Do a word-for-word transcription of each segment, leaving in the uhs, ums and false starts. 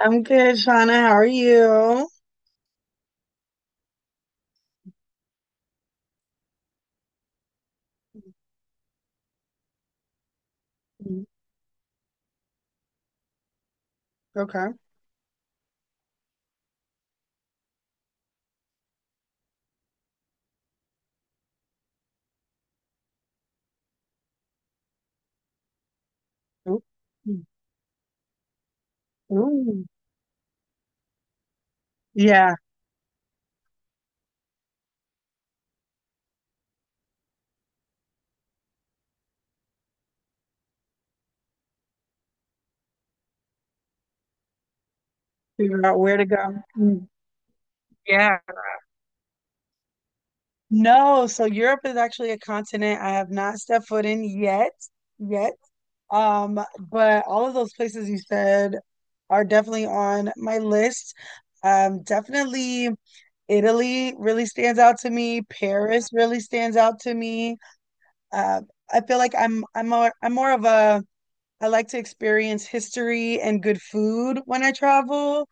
I'm good, Shauna. How are you? Mm. Okay. Ooh. Mm. Ooh. Yeah. Figure out where to go. Mm. Yeah. No, so Europe is actually a continent I have not stepped foot in yet. Yet. Um, but all of those places you said are definitely on my list. Um, definitely Italy really stands out to me. Paris really stands out to me. Uh, I feel like I'm I'm more, I'm more of a I like to experience history and good food when I travel.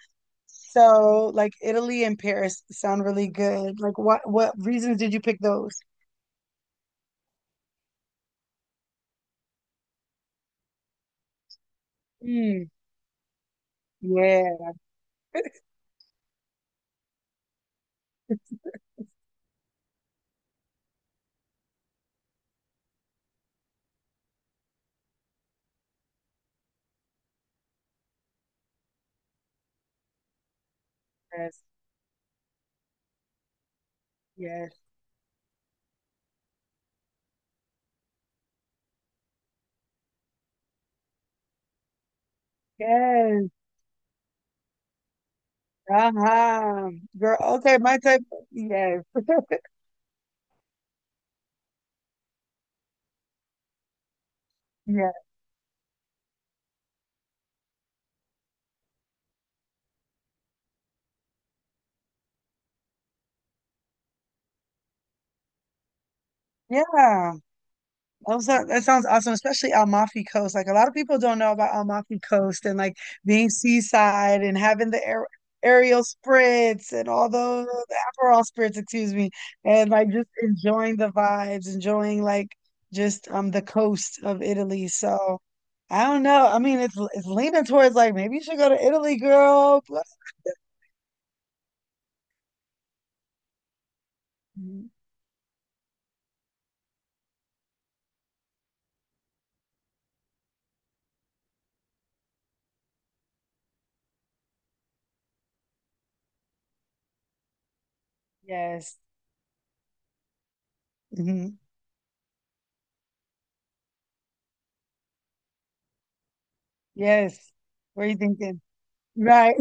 So, like Italy and Paris sound really good. Like, what what reasons did you pick those? Mm, yeah. Yes, yes, yes. Uh-huh. Girl, okay, my type. Yes, yes, yeah. Oh, so- that sounds awesome, especially Amalfi Coast. Like a lot of people don't know about Amalfi Coast and like being seaside and having the air aerial spritz and all those, the Aperol spritz, excuse me, and like just enjoying the vibes, enjoying like just um the coast of Italy. So I don't know. I mean, it's it's leaning towards like maybe you should go to Italy, girl. Mhm. Yes. Hmm. Yes. What are you thinking? Right.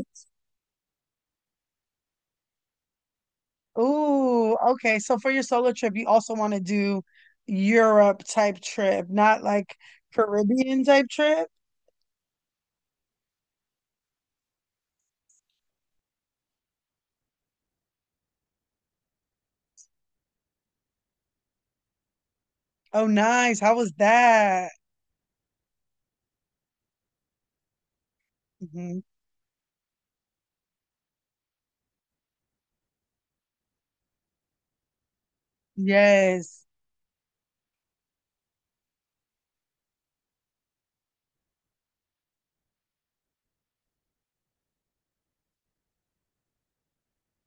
Ooh, okay. So for your solo trip, you also want to do Europe type trip, not like Caribbean type trip. Oh, nice. How was that? Hmm. Yes.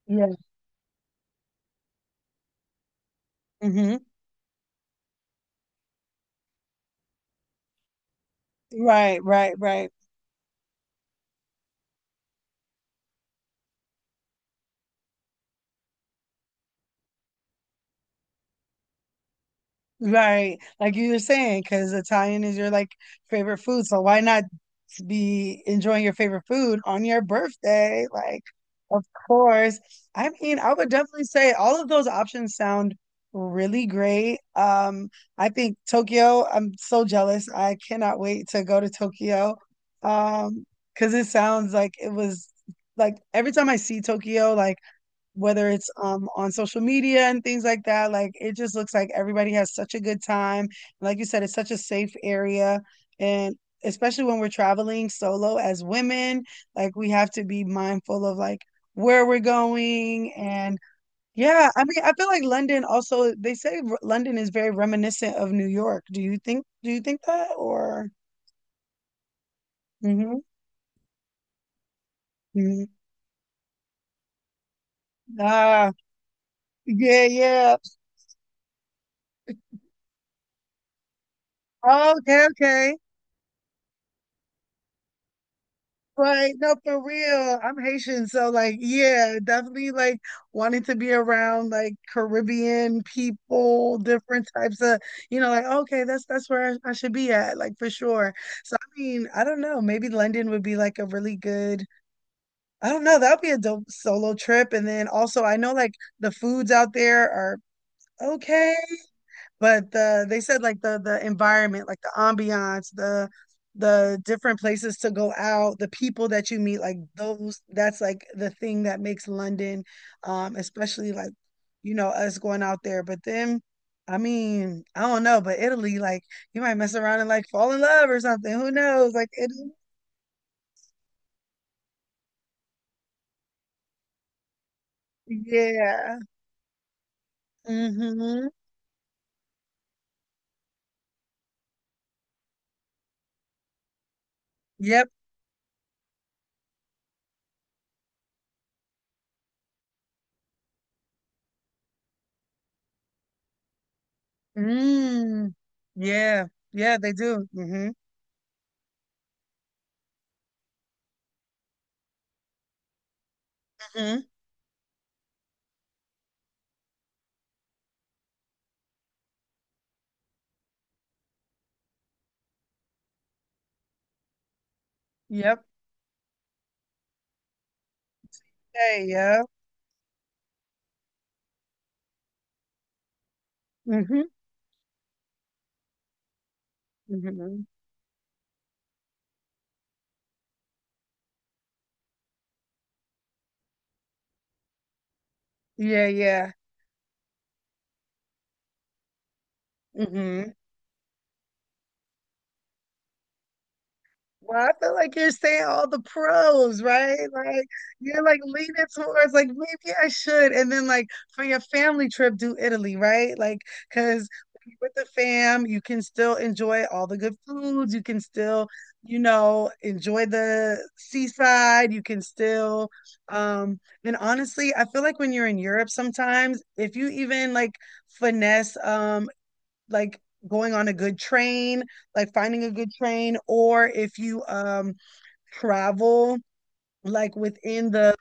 Yeah. Hmm. Right, right, right, right. Like you were saying, because Italian is your like favorite food, so why not to be enjoying your favorite food on your birthday. Like, of course. I mean, I would definitely say all of those options sound really great. Um, I think Tokyo, I'm so jealous. I cannot wait to go to Tokyo. Um, because it sounds like it was like every time I see Tokyo, like whether it's um on social media and things like that. Like it just looks like everybody has such a good time. Like you said, it's such a safe area and especially when we're traveling solo as women, like we have to be mindful of like where we're going. And yeah, I mean, I feel like London also, they say R- London is very reminiscent of New York. Do you think do you think that, or? Mhm. Mhm. Ah, yeah, yeah. Okay, okay. Like, no, for real. I'm Haitian, so like, yeah, definitely like wanting to be around like Caribbean people, different types of, you know, like, okay, that's that's where I, I should be at, like for sure. So I mean, I don't know, maybe London would be like a really good. I don't know, that would be a dope solo trip. And then also I know like the foods out there are okay, but the they said like the the environment, like the ambiance, the the different places to go out, the people that you meet, like those, that's like the thing that makes London, um, especially like, you know, us going out there. But then, I mean, I don't know, but Italy, like you might mess around and like fall in love or something. Who knows? Like it, yeah. Mm-hmm. Yep. Mm. Yeah. Yeah, they do. Mm-hmm. Mm-hmm. Yep. Hey, yeah. Hmm. Yeah, yeah. Hmm. Well, I feel like you're saying all the pros, right? Like you're like leaning towards like maybe I should, and then like for your family trip, do Italy, right? Like because with the fam, you can still enjoy all the good foods. You can still, you know, enjoy the seaside. You can still, um, and honestly, I feel like when you're in Europe, sometimes if you even like finesse, um. Like going on a good train, like finding a good train, or if you um travel like within the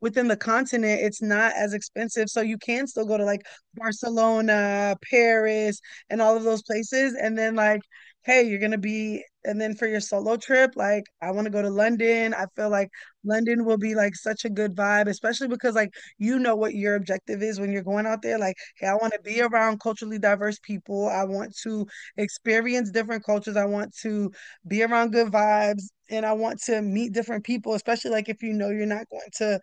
within the continent, it's not as expensive, so you can still go to like Barcelona, Paris, and all of those places. And then like, hey, you're going to be. And then for your solo trip, like I want to go to London. I feel like London will be like such a good vibe, especially because like, you know what your objective is when you're going out there. Like, hey, I want to be around culturally diverse people, I want to experience different cultures, I want to be around good vibes, and I want to meet different people. Especially like if you know you're not going to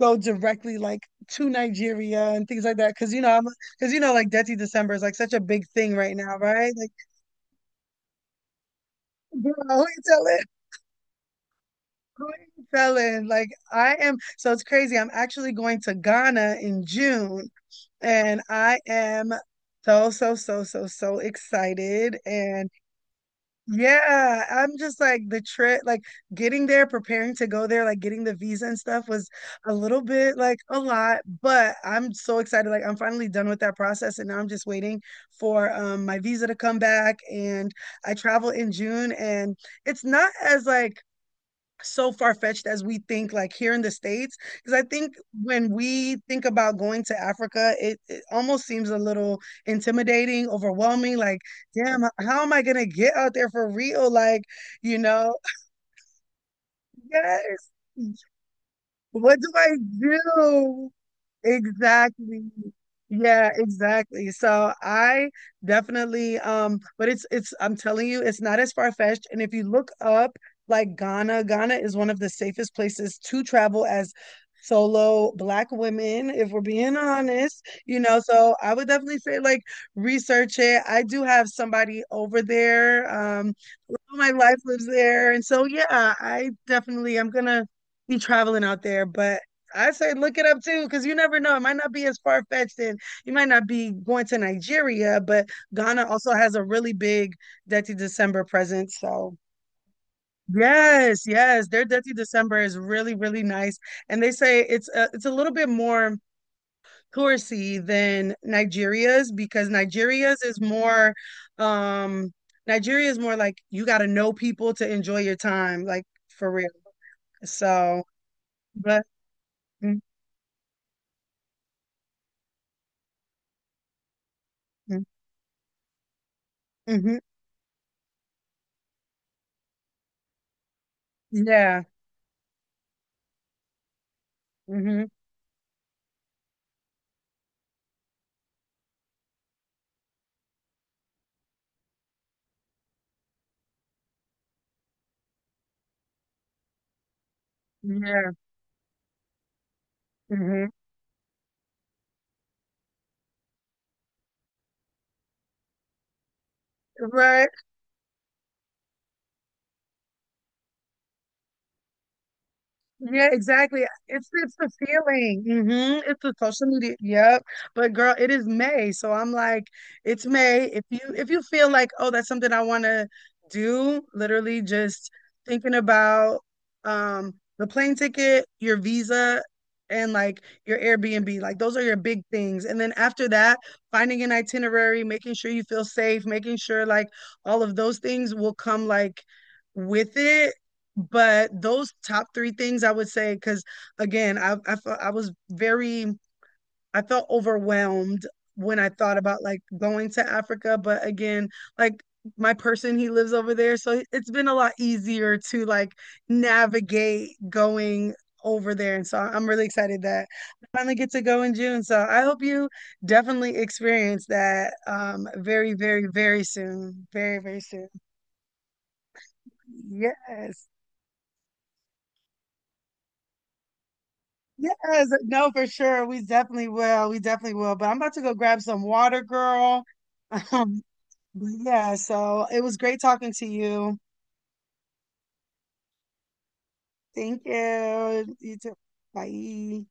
go directly like to Nigeria and things like that. Cause you know, I'm cause you know, like Dirty December is like such a big thing right now, right? Like, girl, who you telling? Who you telling? Like, I am, so it's crazy. I'm actually going to Ghana in June, and I am so, so, so, so, so excited. And yeah, I'm just like the trip, like getting there, preparing to go there, like getting the visa and stuff was a little bit like a lot, but I'm so excited. Like I'm finally done with that process, and now I'm just waiting for um my visa to come back. And I travel in June, and it's not as like so far-fetched as we think like here in the states, because I think when we think about going to Africa, it, it almost seems a little intimidating, overwhelming, like, damn, how am I going to get out there, for real? Like, you know? Yes. What do I do? Exactly. Yeah, exactly. So I definitely, um but it's it's I'm telling you, it's not as far-fetched. And if you look up like Ghana, Ghana is one of the safest places to travel as solo black women, if we're being honest, you know. So I would definitely say like research it. I do have somebody over there. Um love of my life lives there, and so yeah, I definitely, I'm gonna be traveling out there, but I say look it up too, because you never know. It might not be as far fetched, and you might not be going to Nigeria, but Ghana also has a really big Dirty December presence. So yes, yes, their Dirty December is really really nice, and they say it's a, it's a little bit more touristy than Nigeria's, because Nigeria's is more. um Nigeria is more like you got to know people to enjoy your time, like for real. So, but mhm, mhm, yeah. Mhm. Yeah. Hmm. Right. Yeah, exactly. It's it's the feeling. Hmm. It's the social media. Yep. But girl, it is May. So I'm like, it's May. If you if you feel like, oh, that's something I want to do, literally just thinking about um the plane ticket, your visa, and like your Airbnb. Like those are your big things. And then after that, finding an itinerary, making sure you feel safe, making sure like all of those things will come like with it. But those top three things I would say, because again, I, I felt I was very, I felt overwhelmed when I thought about like going to Africa. But again, like my person, he lives over there. So it's been a lot easier to like navigate going over there. And so I'm really excited that I finally get to go in June. So I hope you definitely experience that um very, very, very soon. Very, very soon. Yes. Yes, no, for sure. We definitely will. We definitely will. But I'm about to go grab some water, girl. Um, but yeah, so it was great talking to you. Thank you. You too. Bye.